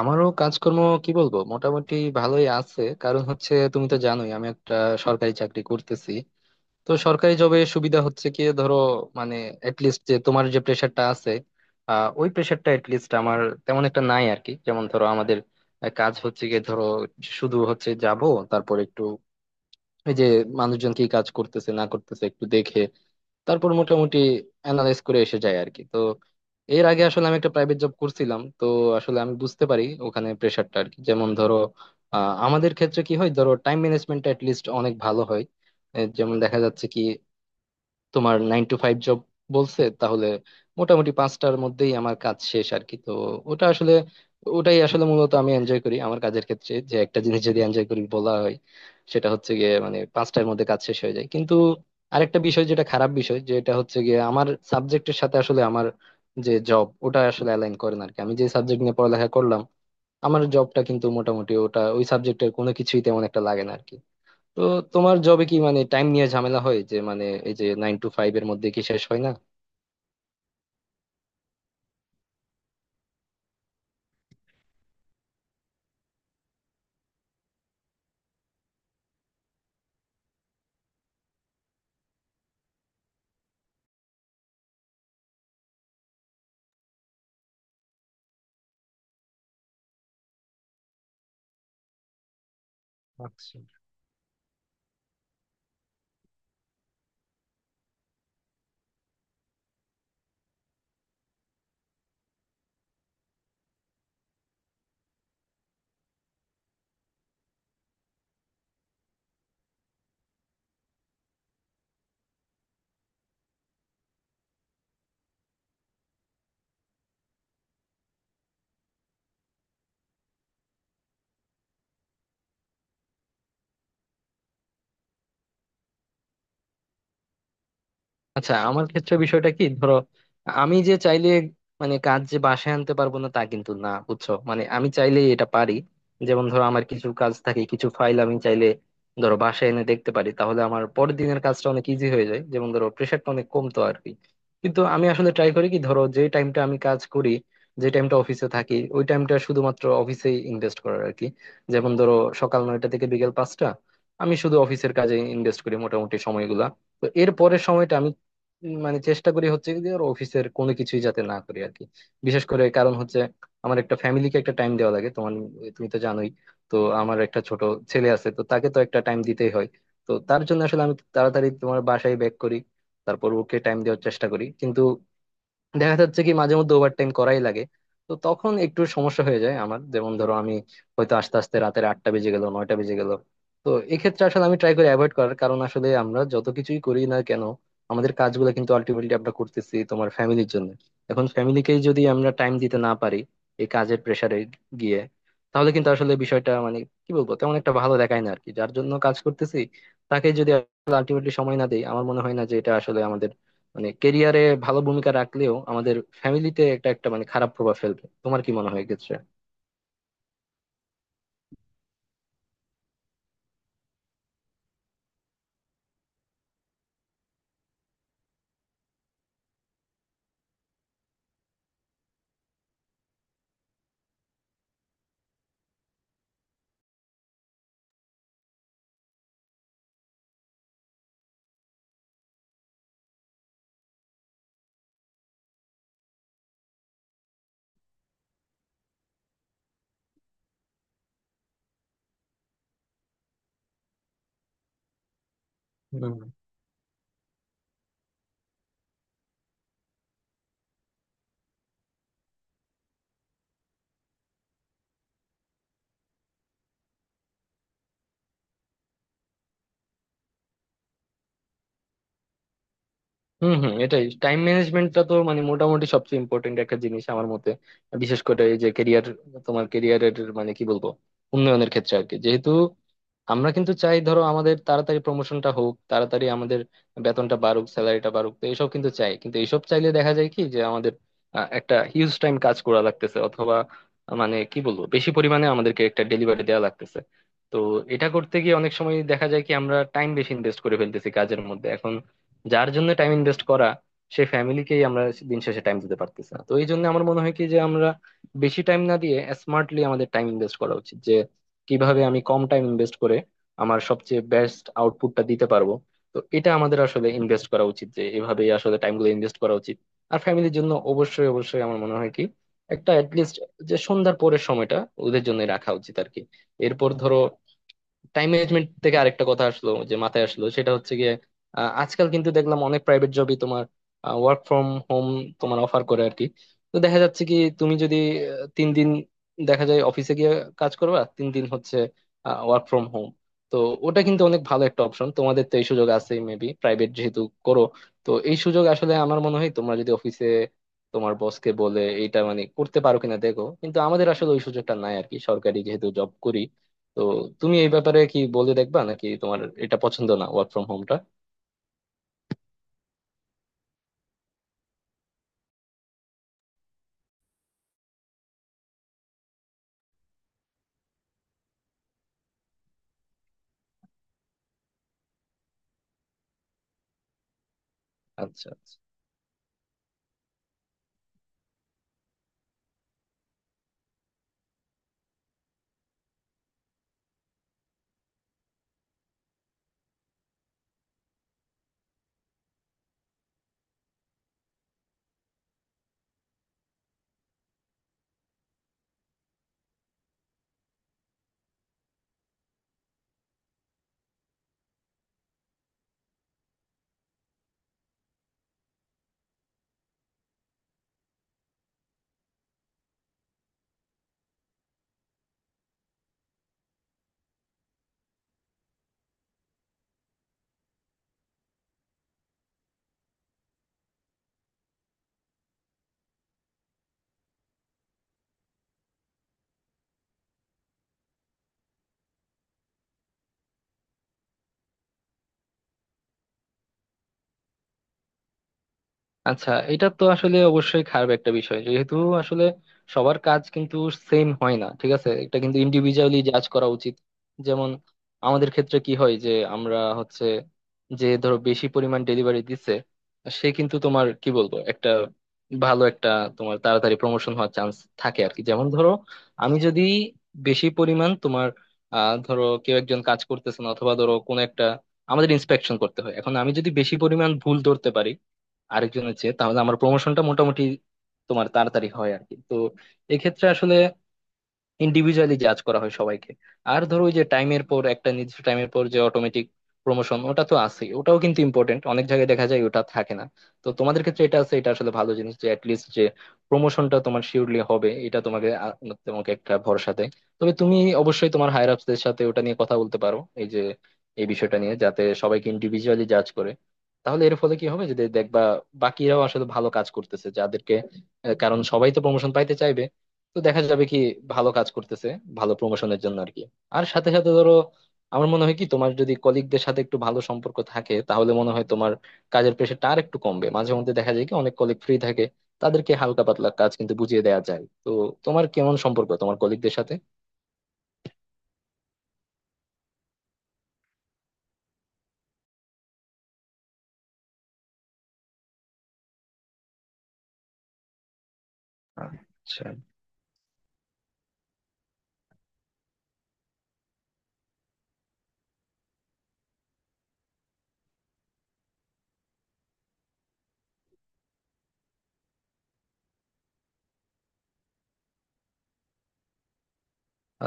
আমারও কাজকর্ম কি বলবো মোটামুটি ভালোই আছে, কারণ হচ্ছে তুমি তো জানোই আমি একটা সরকারি চাকরি করতেছি। তো সরকারি জবে সুবিধা হচ্ছে কি ধরো, মানে লিস্ট যে তোমার যে প্রেশারটা আছে ওই প্রেশারটা লিস্ট আমার তেমন একটা নাই আর কি। যেমন ধরো আমাদের কাজ হচ্ছে গিয়ে ধরো শুধু হচ্ছে যাব, তারপর একটু এই যে মানুষজন কি কাজ করতেছে না করতেছে একটু দেখে, তারপর মোটামুটি অ্যানালাইজ করে এসে যায় আর কি। তো এর আগে আসলে আমি একটা প্রাইভেট জব করছিলাম, তো আসলে আমি বুঝতে পারি ওখানে প্রেশারটা আর কি। যেমন ধরো আমাদের ক্ষেত্রে কি হয় ধরো টাইম ম্যানেজমেন্ট লিস্ট অনেক ভালো হয়। যেমন দেখা যাচ্ছে কি তোমার 9 to 5 জব বলছে, তাহলে মোটামুটি 5টার মধ্যেই আমার কাজ শেষ আর কি। তো ওটা আসলে ওটাই আসলে মূলত আমি এনজয় করি আমার কাজের ক্ষেত্রে, যে একটা জিনিস যদি এনজয় করি বলা হয় সেটা হচ্ছে গিয়ে মানে 5টার মধ্যে কাজ শেষ হয়ে যায়। কিন্তু আরেকটা বিষয়, যেটা খারাপ বিষয়, যেটা হচ্ছে গিয়ে আমার সাবজেক্টের সাথে আসলে আমার যে জব ওটা আসলে অ্যালাইন করে না আর কি। আমি যে সাবজেক্ট নিয়ে পড়ালেখা করলাম আমার জবটা কিন্তু মোটামুটি ওটা ওই সাবজেক্টের কোনো কিছুই তেমন একটা লাগে না। তো তোমার জবে কি মানে টাইম নিয়ে ঝামেলা হয়, যে মানে এই যে 9 to 5 এর মধ্যে কি শেষ হয় না? আচ্ছা, আমার ক্ষেত্রে বিষয়টা কি ধরো, আমি যে চাইলে মানে কাজ যে বাসায় আনতে পারবো না তা কিন্তু না, বুঝছো, মানে আমি চাইলে এটা পারি। যেমন ধরো আমার কিছু কাজ থাকে, কিছু ফাইল আমি চাইলে ধরো বাসায় এনে দেখতে পারি, তাহলে আমার পরের দিনের কাজটা অনেক ইজি হয়ে যায়, যেমন ধরো প্রেশারটা অনেক কমতো আর কি। কিন্তু আমি আসলে ট্রাই করি কি ধরো যে টাইমটা আমি কাজ করি, যে টাইমটা অফিসে থাকি ওই টাইমটা শুধুমাত্র অফিসেই ইনভেস্ট করার আর কি। যেমন ধরো সকাল 9টা থেকে বিকেল 5টা আমি শুধু অফিসের কাজে ইনভেস্ট করি মোটামুটি সময়গুলা। তো এর পরের সময়টা মানে চেষ্টা করি হচ্ছে কি যে ওর অফিসের কোনো কিছুই যাতে না করি আর কি। বিশেষ করে কারণ হচ্ছে আমার একটা ফ্যামিলিকে একটা টাইম দেওয়া লাগে তোমার, তুমি তো জানোই। তো আমার একটা ছোট ছেলে আছে, তো তাকে তো একটা টাইম দিতেই হয়। তো তার জন্য আসলে আমি তাড়াতাড়ি তোমার বাসায় ব্যাক করি, তারপর ওকে টাইম দেওয়ার চেষ্টা করি, কিন্তু দেখা যাচ্ছে কি মাঝে মধ্যে ওভারটাইম করাই লাগে। তো তখন একটু সমস্যা হয়ে যায় আমার, যেমন ধরো আমি হয়তো আস্তে আস্তে রাতের 8টা বেজে গেল, 9টা বেজে গেল। তো এক্ষেত্রে আসলে আমি ট্রাই করি অ্যাভয়েড করার, কারণ আসলে আমরা যত কিছুই করি না কেন আমাদের কাজগুলো কিন্তু আলটিমেটলি আমরা করতেছি তোমার ফ্যামিলির জন্য। এখন ফ্যামিলিকেই যদি আমরা টাইম দিতে না পারি এই কাজের প্রেসারে গিয়ে, তাহলে কিন্তু আসলে বিষয়টা মানে কি বলবো তেমন একটা ভালো দেখায় না আর কি। যার জন্য কাজ করতেছি তাকে যদি আলটিমেটলি সময় না দেই, আমার মনে হয় না যে এটা আসলে আমাদের মানে কেরিয়ারে ভালো ভূমিকা রাখলেও আমাদের ফ্যামিলিতে একটা একটা মানে খারাপ প্রভাব ফেলবে। তোমার কি মনে হয় এক্ষেত্রে? হম হম, এটাই। টাইম ম্যানেজমেন্টটা তো মানে মোটামুটি সবচেয়ে ইম্পর্টেন্ট একটা জিনিস আমার মতে, বিশেষ করে এই যে কেরিয়ার, তোমার কেরিয়ারের মানে কি বলবো উন্নয়নের ক্ষেত্রে আর কি। যেহেতু আমরা কিন্তু চাই ধরো আমাদের তাড়াতাড়ি প্রমোশনটা হোক, তাড়াতাড়ি আমাদের বেতনটা বাড়ুক, স্যালারিটা বাড়ুক, তো এইসব কিন্তু চাই। কিন্তু এইসব চাইলে দেখা যায় কি যে আমাদের একটা হিউজ টাইম কাজ করা লাগতেছে, অথবা মানে কি বলবো বেশি পরিমাণে আমাদেরকে একটা ডেলিভারি দেওয়া লাগতেছে। তো এটা করতে গিয়ে অনেক সময় দেখা যায় কি আমরা টাইম বেশি ইনভেস্ট করে ফেলতেছি কাজের মধ্যে। এখন যার জন্য টাইম ইনভেস্ট করা, সে ফ্যামিলিকেই আমরা দিন শেষে টাইম দিতে পারতেছি না। তো এই জন্য আমার মনে হয় কি যে আমরা বেশি টাইম না দিয়ে স্মার্টলি আমাদের টাইম ইনভেস্ট করা উচিত, যে কিভাবে আমি কম টাইম ইনভেস্ট করে আমার সবচেয়ে বেস্ট আউটপুটটা দিতে পারবো। তো এটা আমাদের আসলে ইনভেস্ট করা উচিত, যে এভাবেই আসলে টাইম গুলো ইনভেস্ট করা উচিত। আর ফ্যামিলির জন্য অবশ্যই অবশ্যই আমার মনে হয় কি একটা অ্যাটলিস্ট, যে সন্ধ্যার পরের সময়টা ওদের জন্য রাখা উচিত আর কি। এরপর ধরো টাইম ম্যানেজমেন্ট থেকে আরেকটা কথা আসলো, যে মাথায় আসলো সেটা হচ্ছে গিয়ে আজকাল কিন্তু দেখলাম অনেক প্রাইভেট জবই তোমার ওয়ার্ক ফ্রম হোম তোমার অফার করে আর কি। তো দেখা যাচ্ছে কি তুমি যদি 3 দিন দেখা যায় অফিসে গিয়ে কাজ করবা, 3 দিন হচ্ছে ওয়ার্ক ফ্রম হোম। তো ওটা কিন্তু অনেক ভালো একটা অপশন, তোমাদের তো এই সুযোগ আছে মেবি, প্রাইভেট যেহেতু করো। তো এই সুযোগ আসলে আমার মনে হয় তোমরা যদি অফিসে তোমার বসকে বলে এইটা মানে করতে পারো কিনা দেখো। কিন্তু আমাদের আসলে ওই সুযোগটা নাই আর কি, সরকারি যেহেতু জব করি। তো তুমি এই ব্যাপারে কি বলে দেখবা নাকি, তোমার এটা পছন্দ না ওয়ার্ক ফ্রম হোমটা? আচ্ছা আচ্ছা। আচ্ছা, এটা তো আসলে অবশ্যই খারাপ একটা বিষয়, যেহেতু আসলে সবার কাজ কিন্তু সেম হয় না। ঠিক আছে, এটা কিন্তু ইন্ডিভিজুয়ালি জাজ করা উচিত। যেমন আমাদের ক্ষেত্রে কি হয় যে আমরা হচ্ছে যে ধরো বেশি পরিমাণ ডেলিভারি দিচ্ছে, সে কিন্তু তোমার কি বলবো একটা ভালো, একটা তোমার তাড়াতাড়ি প্রমোশন হওয়ার চান্স থাকে আর কি। যেমন ধরো আমি যদি বেশি পরিমাণ তোমার ধরো কেউ একজন কাজ করতেছে না, অথবা ধরো কোনো একটা আমাদের ইন্সপেকশন করতে হয়, এখন আমি যদি বেশি পরিমাণ ভুল ধরতে পারি আরেকজন হচ্ছে, তাহলে আমার প্রমোশনটা মোটামুটি তোমার তাড়াতাড়ি হয় আর কি। তো এক্ষেত্রে আসলে ইন্ডিভিজুয়ালি জাজ করা হয় সবাইকে। আর ধরো ওই যে টাইমের পর, একটা নির্দিষ্ট টাইমের পর যে অটোমেটিক প্রমোশন ওটা তো আছেই, ওটাও কিন্তু ইম্পর্টেন্ট। অনেক জায়গায় দেখা যায় ওটা থাকে না। তো তোমাদের ক্ষেত্রে এটা আছে, এটা আসলে ভালো জিনিস, যে অ্যাটলিস্ট যে প্রমোশনটা তোমার শিওরলি হবে, এটা তোমাকে তোমাকে একটা ভরসা দেয়। তবে তুমি অবশ্যই তোমার হায়ার আপসদের সাথে ওটা নিয়ে কথা বলতে পারো, এই যে এই বিষয়টা নিয়ে, যাতে সবাইকে ইন্ডিভিজুয়ালি জাজ করে। তাহলে এর ফলে কি হবে, যে দেখবা বাকিরাও আসলে ভালো কাজ করতেছে, যাদেরকে কারণ সবাই তো প্রমোশন পাইতে চাইবে। তো দেখা যাবে কি ভালো কাজ করতেছে ভালো প্রমোশনের জন্য আর কি। আর সাথে সাথে ধরো আমার মনে হয় কি তোমার যদি কলিগদের সাথে একটু ভালো সম্পর্ক থাকে, তাহলে মনে হয় তোমার কাজের প্রেশারটা আর একটু কমবে। মাঝে মধ্যে দেখা যায় কি অনেক কলিগ ফ্রি থাকে, তাদেরকে হালকা পাতলা কাজ কিন্তু বুঝিয়ে দেওয়া যায়। তো তোমার কেমন সম্পর্ক তোমার কলিগদের সাথে? আচ্ছা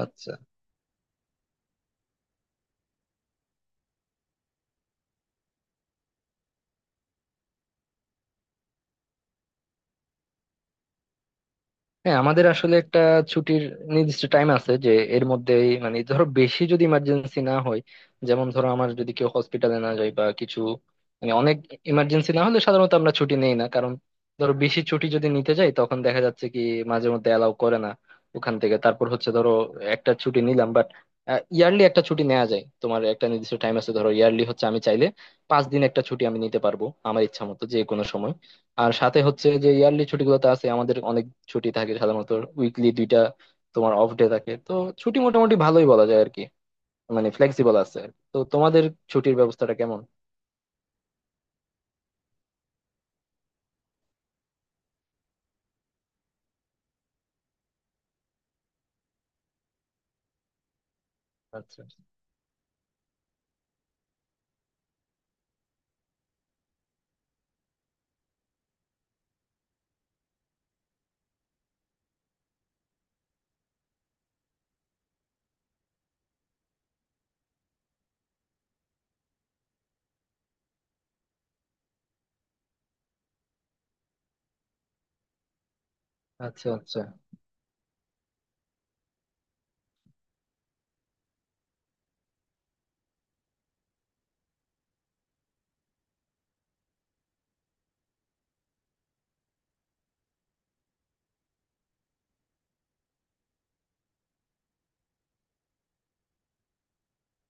আচ্ছা। হ্যাঁ, আমাদের আসলে একটা ছুটির নির্দিষ্ট টাইম আছে, যে এর মধ্যে মানে ধরো বেশি যদি ইমার্জেন্সি না হয়, যেমন ধরো আমার যদি কেউ হসপিটালে না যায় বা কিছু, মানে অনেক ইমার্জেন্সি না হলে সাধারণত আমরা ছুটি নেই না। কারণ ধরো বেশি ছুটি যদি নিতে যাই তখন দেখা যাচ্ছে কি মাঝে মধ্যে অ্যালাউ করে না ওখান থেকে। তারপর হচ্ছে ধরো একটা ছুটি নিলাম, বাট ইয়ারলি একটা ছুটি নেওয়া যায় তোমার, একটা নির্দিষ্ট টাইম আছে ধরো, ইয়ারলি হচ্ছে আমি চাইলে 5 দিন একটা ছুটি আমি নিতে পারবো আমার ইচ্ছা মতো যে কোনো সময়। আর সাথে হচ্ছে যে ইয়ারলি ছুটিগুলোতে আছে আমাদের অনেক ছুটি থাকে সাধারণত। উইকলি দুইটা তোমার অফ ডে থাকে, তো ছুটি মোটামুটি ভালোই বলা যায় আর কি, মানে ফ্লেক্সিবল আছে আর কি। তো তোমাদের ছুটির ব্যবস্থাটা কেমন? আচ্ছা আচ্ছা আচ্ছা।